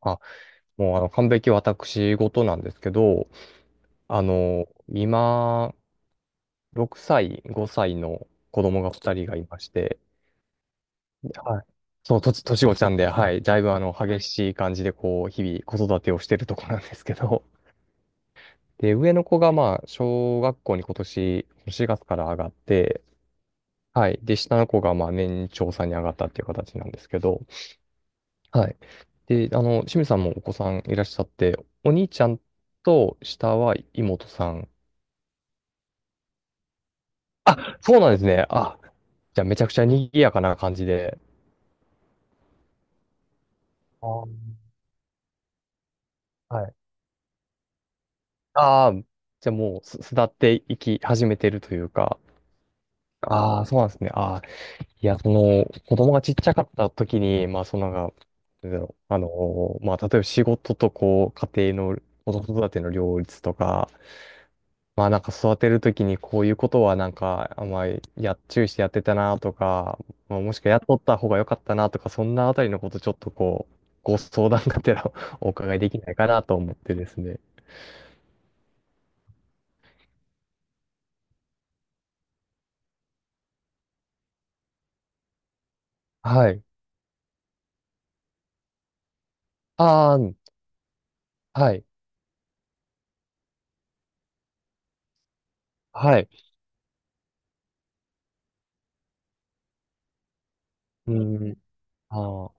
あ、もう完璧私事なんですけど、今、6歳、5歳の子供が2人がいまして、ではい。そう、年落ちたんで、はい。だいぶ激しい感じで、日々子育てをしてるところなんですけど、で、上の子がまあ、小学校に今年、4月から上がって、はい。で、下の子がまあ、年長さんに上がったっていう形なんですけど、はい。で、清水さんもお子さんいらっしゃって、お兄ちゃんと下は妹さん、あ、そうなんですね。あ、じゃあめちゃくちゃ賑やかな感じで。あー、はい。ああ、じゃあもう巣立っていき始めてるというか。ああ、そうなんですね。ああ、いや、その、子供がちっちゃかった時に、まあ、そのなんか、なんだろう、まあ、例えば仕事とこう、家庭の、子育ての両立とか、まあなんか育てるときにこういうことはなんか、あんまりや、注意してやってたなとか、まあ、もしくはやっとった方が良かったなとか、そんなあたりのことちょっとこう、ご相談がてら お伺いできないかなと思ってですね。はい。ああ、はい。はい。うん。ああ、も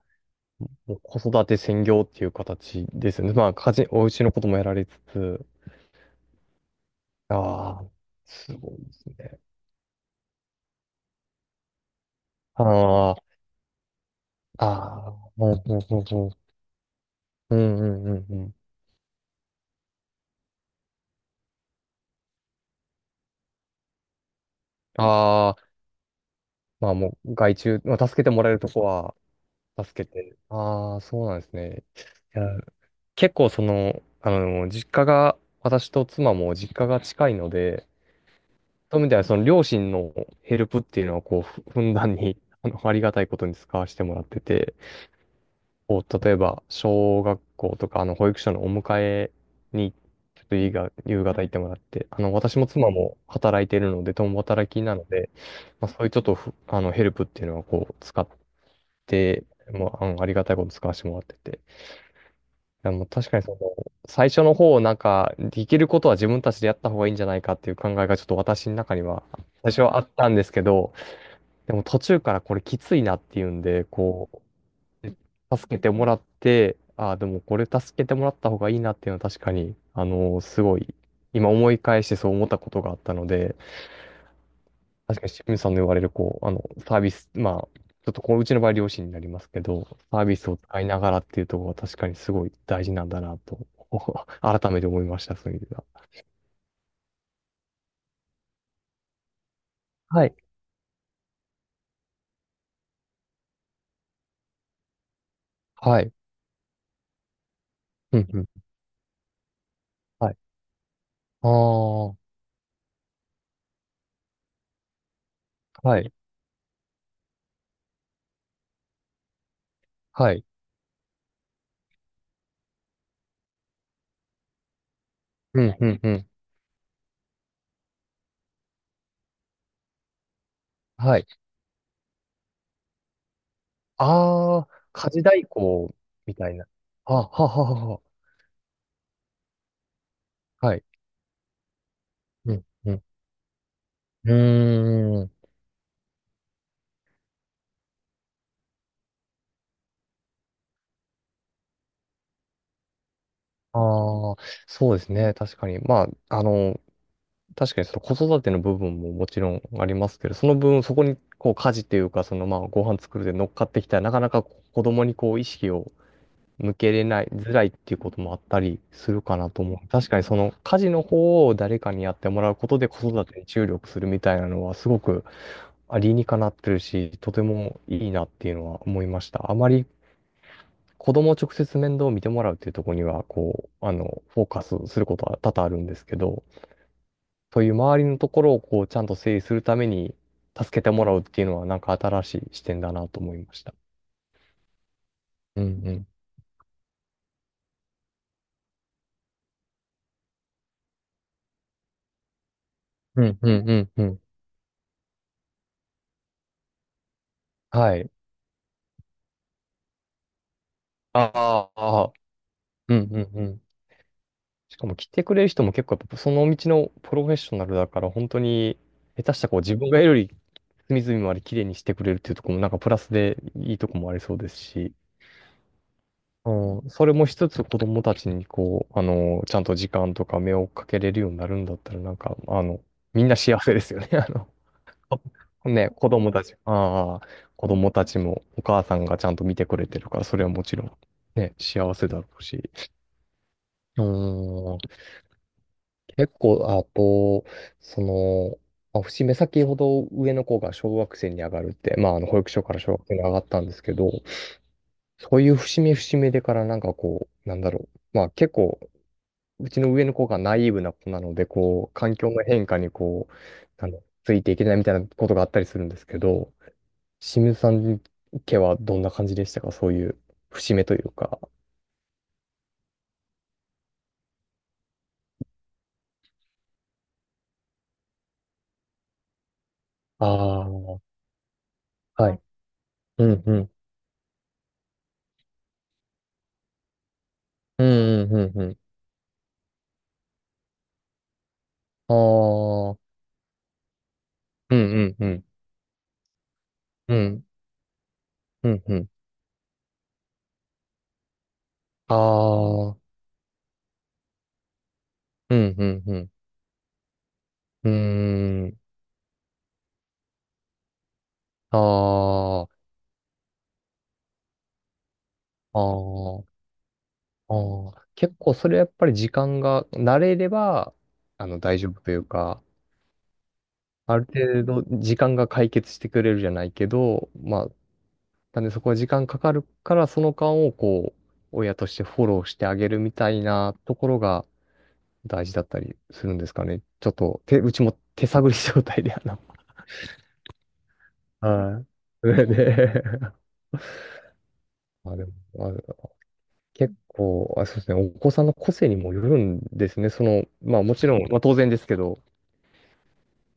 う子育て専業っていう形ですよね。まあ、家事、お家のこともやられつつ。ああ、すごいですね。ああ、ああ、ううんうんうん。うんうんうんうん。ああ。まあもう外注、まあ、助けてもらえるとこは助けて。ああ、そうなんですね。いや、結構その、実家が、私と妻も実家が近いので、そういう意味ではその両親のヘルプっていうのはこう、ふんだんに、ありがたいことに使わせてもらってて、こう、例えば、小学校とか、保育所のお迎えに、ちょっといいが、夕方行ってもらって、私も妻も働いているので、共働きなので、まあ、そういうちょっとふ、あの、ヘルプっていうのはこう、使っで、もう、ありがたいこと使わせてもらってて。いや、もう確かにその、最初の方、なんか、できることは自分たちでやった方がいいんじゃないかっていう考えがちょっと私の中には、最初はあったんですけど、でも途中からこれきついなっていうんで、こう、助けてもらって、ああ、でもこれ助けてもらった方がいいなっていうのは確かに、すごい、今思い返してそう思ったことがあったので、確かに清水さんの言われる、サービス、まあ、ちょっとこう、うちの場合、両親になりますけど、サービスを使いながらっていうところは確かにすごい大事なんだなと、改めて思いました、そういう意味では。はい。はい。うん、うん。はい。ああ、はい。はい。うん、うん、うん。はい。ああ、家事代行みたいな。あ、はははは。はい。うん、うん。うーん。ああ、そうですね。確かに。まあ、確かにその子育ての部分ももちろんありますけど、その分そこにこう家事というか、そのまあご飯作るで乗っかってきたら、なかなかこう子供にこう意識を向けれない、づらいっていうこともあったりするかなと思う。確かにその家事の方を誰かにやってもらうことで子育てに注力するみたいなのはすごく理にかなってるし、とてもいいなっていうのは思いました。あまり子供を直接面倒を見てもらうっていうところには、フォーカスすることは多々あるんですけど、そういう周りのところをこうちゃんと整理するために助けてもらうっていうのはなんか新しい視点だなと思いました。うんうん。うんうんうんうん。はい。ああ、ーうんうんうん。しかも来てくれる人も結構やっぱその道のプロフェッショナルだから本当に下手したらこう自分がより隅々まで綺麗にしてくれるっていうところもなんかプラスでいいとこもありそうですし、うん、それもしつつ子供たちにこう、ちゃんと時間とか目をかけれるようになるんだったらなんか、あの、みんな幸せですよね。あの あね、子供たち、ああ、子供たちもお母さんがちゃんと見てくれてるから、それはもちろん、ね、幸せだろうし。うーん、結構、あと、その、まあ節目先ほど上の子が小学生に上がるって、まあ、保育所から小学生に上がったんですけど、そういう節目節目でからなんかこう、なんだろう、まあ結構、うちの上の子がナイーブな子なので、こう、環境の変化にこう、ついていけないみたいなことがあったりするんですけど、清水さん家はどんな感じでしたかそういう節目というか。ああ、はい。うんうん。うんうんうんうん。ああ、うんうんうん。うんうんうん。ああ、うんうんうん。うーん。ああ、ああ、ああ、結構それやっぱり時間が慣れれば、あの大丈夫というか、ある程度時間が解決してくれるじゃないけど、まあなんでそこは時間かかるから、その間をこう、親としてフォローしてあげるみたいなところが大事だったりするんですかね。ちょっと、手、うちも手探り状態で、はい。それで、まあ、でも、まあ、結構、あ、そうですね、お子さんの個性にもよるんですね。その、まあもちろん、まあ当然ですけど、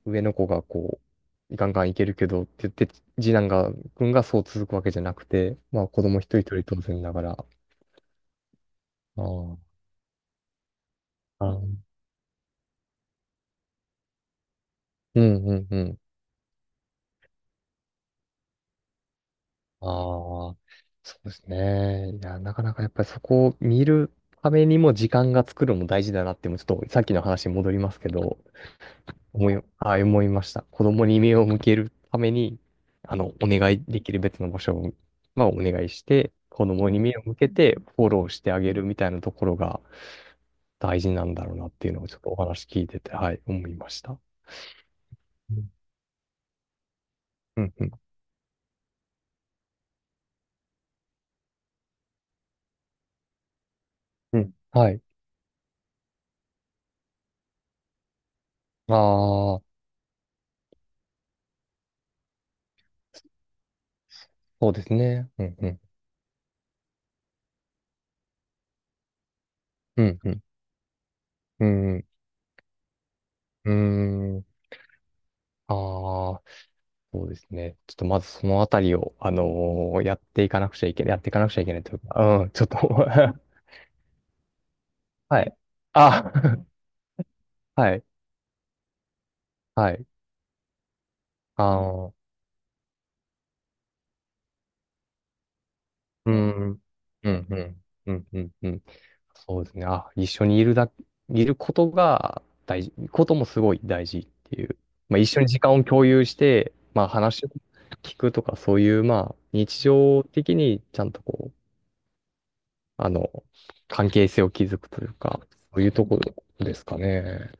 上の子がこう、ガンガンいけるけどって言って、次男が、君がそう続くわけじゃなくて、まあ子供一人一人当然ながら、ああ、あ、うんうんうん。ああ、そうですね。いや、なかなかやっぱりそこを見るためにも時間が作るのも大事だなって、もうちょっとさっきの話に戻りますけど、あ、思いました。子供に目を向けるために、お願いできる別の場所を、まあ、お願いして、子供に目を向けてフォローしてあげるみたいなところが大事なんだろうなっていうのをちょっとお話聞いてて、はい、思いました。うん、うん、うん。うんはい。ああ、そうですね。うん、うん、うん、うん。うん、うーん。ああ、そうですね。ちょっとまずそのあたりを、やっていかなくちゃいけない、やっていかなくちゃいけないというか、うん、ちょっと はい。あ、はい、はい。あのうん、うん、うん、うん、うん、うん。そうですね。あ、一緒にいるだ、いることが大事、こともすごい大事っていう。まあ、一緒に時間を共有して、まあ、話を聞くとか、そういう、まあ、日常的にちゃんとこう、あの、関係性を築くというか、そういうところですかね。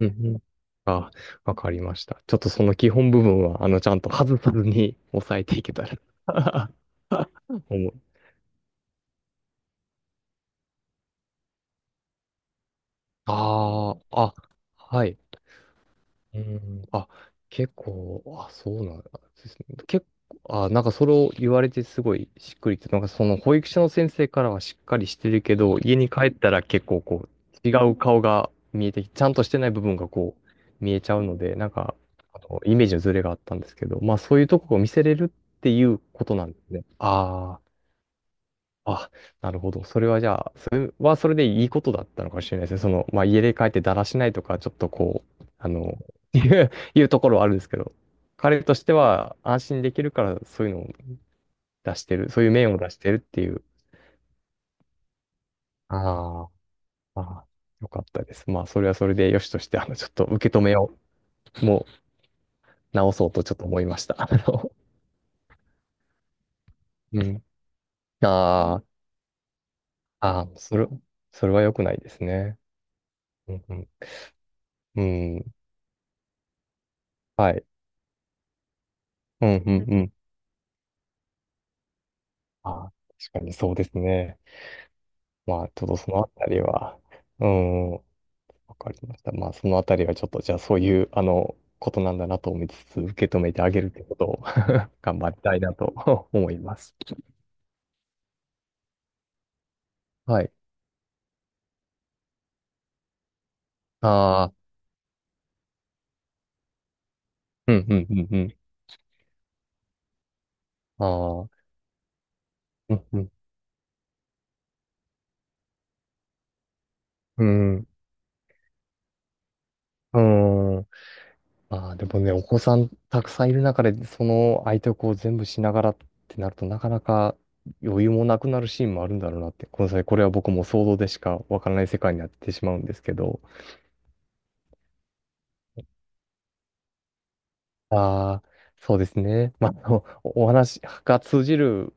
うんうん。あ、わかりました。ちょっとその基本部分は、ちゃんと外さずに抑えていけたら 思う。ああ、あ、はい。うん。あ、結構、あ、そうなんですね。結構、あ、なんかそれを言われてすごいしっくりきて、なんかその保育所の先生からはしっかりしてるけど、家に帰ったら結構こう、違う顔が見えてき、ちゃんとしてない部分がこう、見えちゃうので、なんか、あのイメージのズレがあったんですけど、まあそういうとこを見せれるっていうことなんですね。ああ。あ、なるほど。それはじゃあ、それはそれでいいことだったのかもしれないですね。その、まあ、家で帰ってだらしないとか、ちょっとこう、いういうところはあるんですけど、彼としては安心できるから、そういうのを出してる、そういう面を出してるっていう。ああ、ああ、よかったです。まあ、それはそれでよしとして、あの、ちょっと受け止めを、もう直そうとちょっと思いました。あの、うん。ああ、ああ、それ、それは良くないですね。うん、うん、うん、はい。うん、うん、うん。ああ、確かにそうですね。まあ、ちょっとそのあたりは、うん、わかりました。まあ、そのあたりはちょっと、じゃあそういう、ことなんだなと思いつつ、受け止めてあげるってことを 頑張りたいなと 思います。はい。ああ、うん、うん、うん、うん。ああ、うん、うん、うん、うん。ああ、でもね、お子さんたくさんいる中で、その相手をこう全部しながらってなると、なかなか余裕もなくなるシーンもあるんだろうなって、この際、これは僕も想像でしかわからない世界になってしまうんですけど、ああ、そうですね。まあ、あのおお話が通じる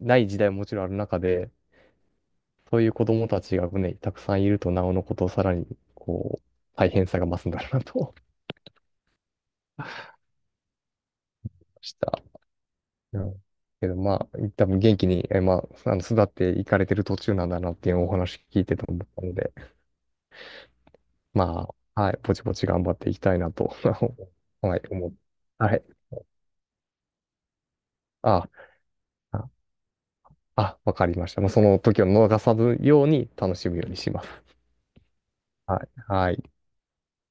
ない時代ももちろんある中で、そういう子供たちがね、たくさんいると、なおのことをさらに、こう、大変さが増すんだろうなと思いました。うん。けどまあ、多分元気に、え、まあ、育っていかれてる途中なんだなっていうお話聞いてて思ったので、まあ、はい、ぼちぼち頑張っていきたいなと、はい、思う。はい。あ、あ、あわかりました。まあ、その時を逃さずように楽しむようにします。はい。はい。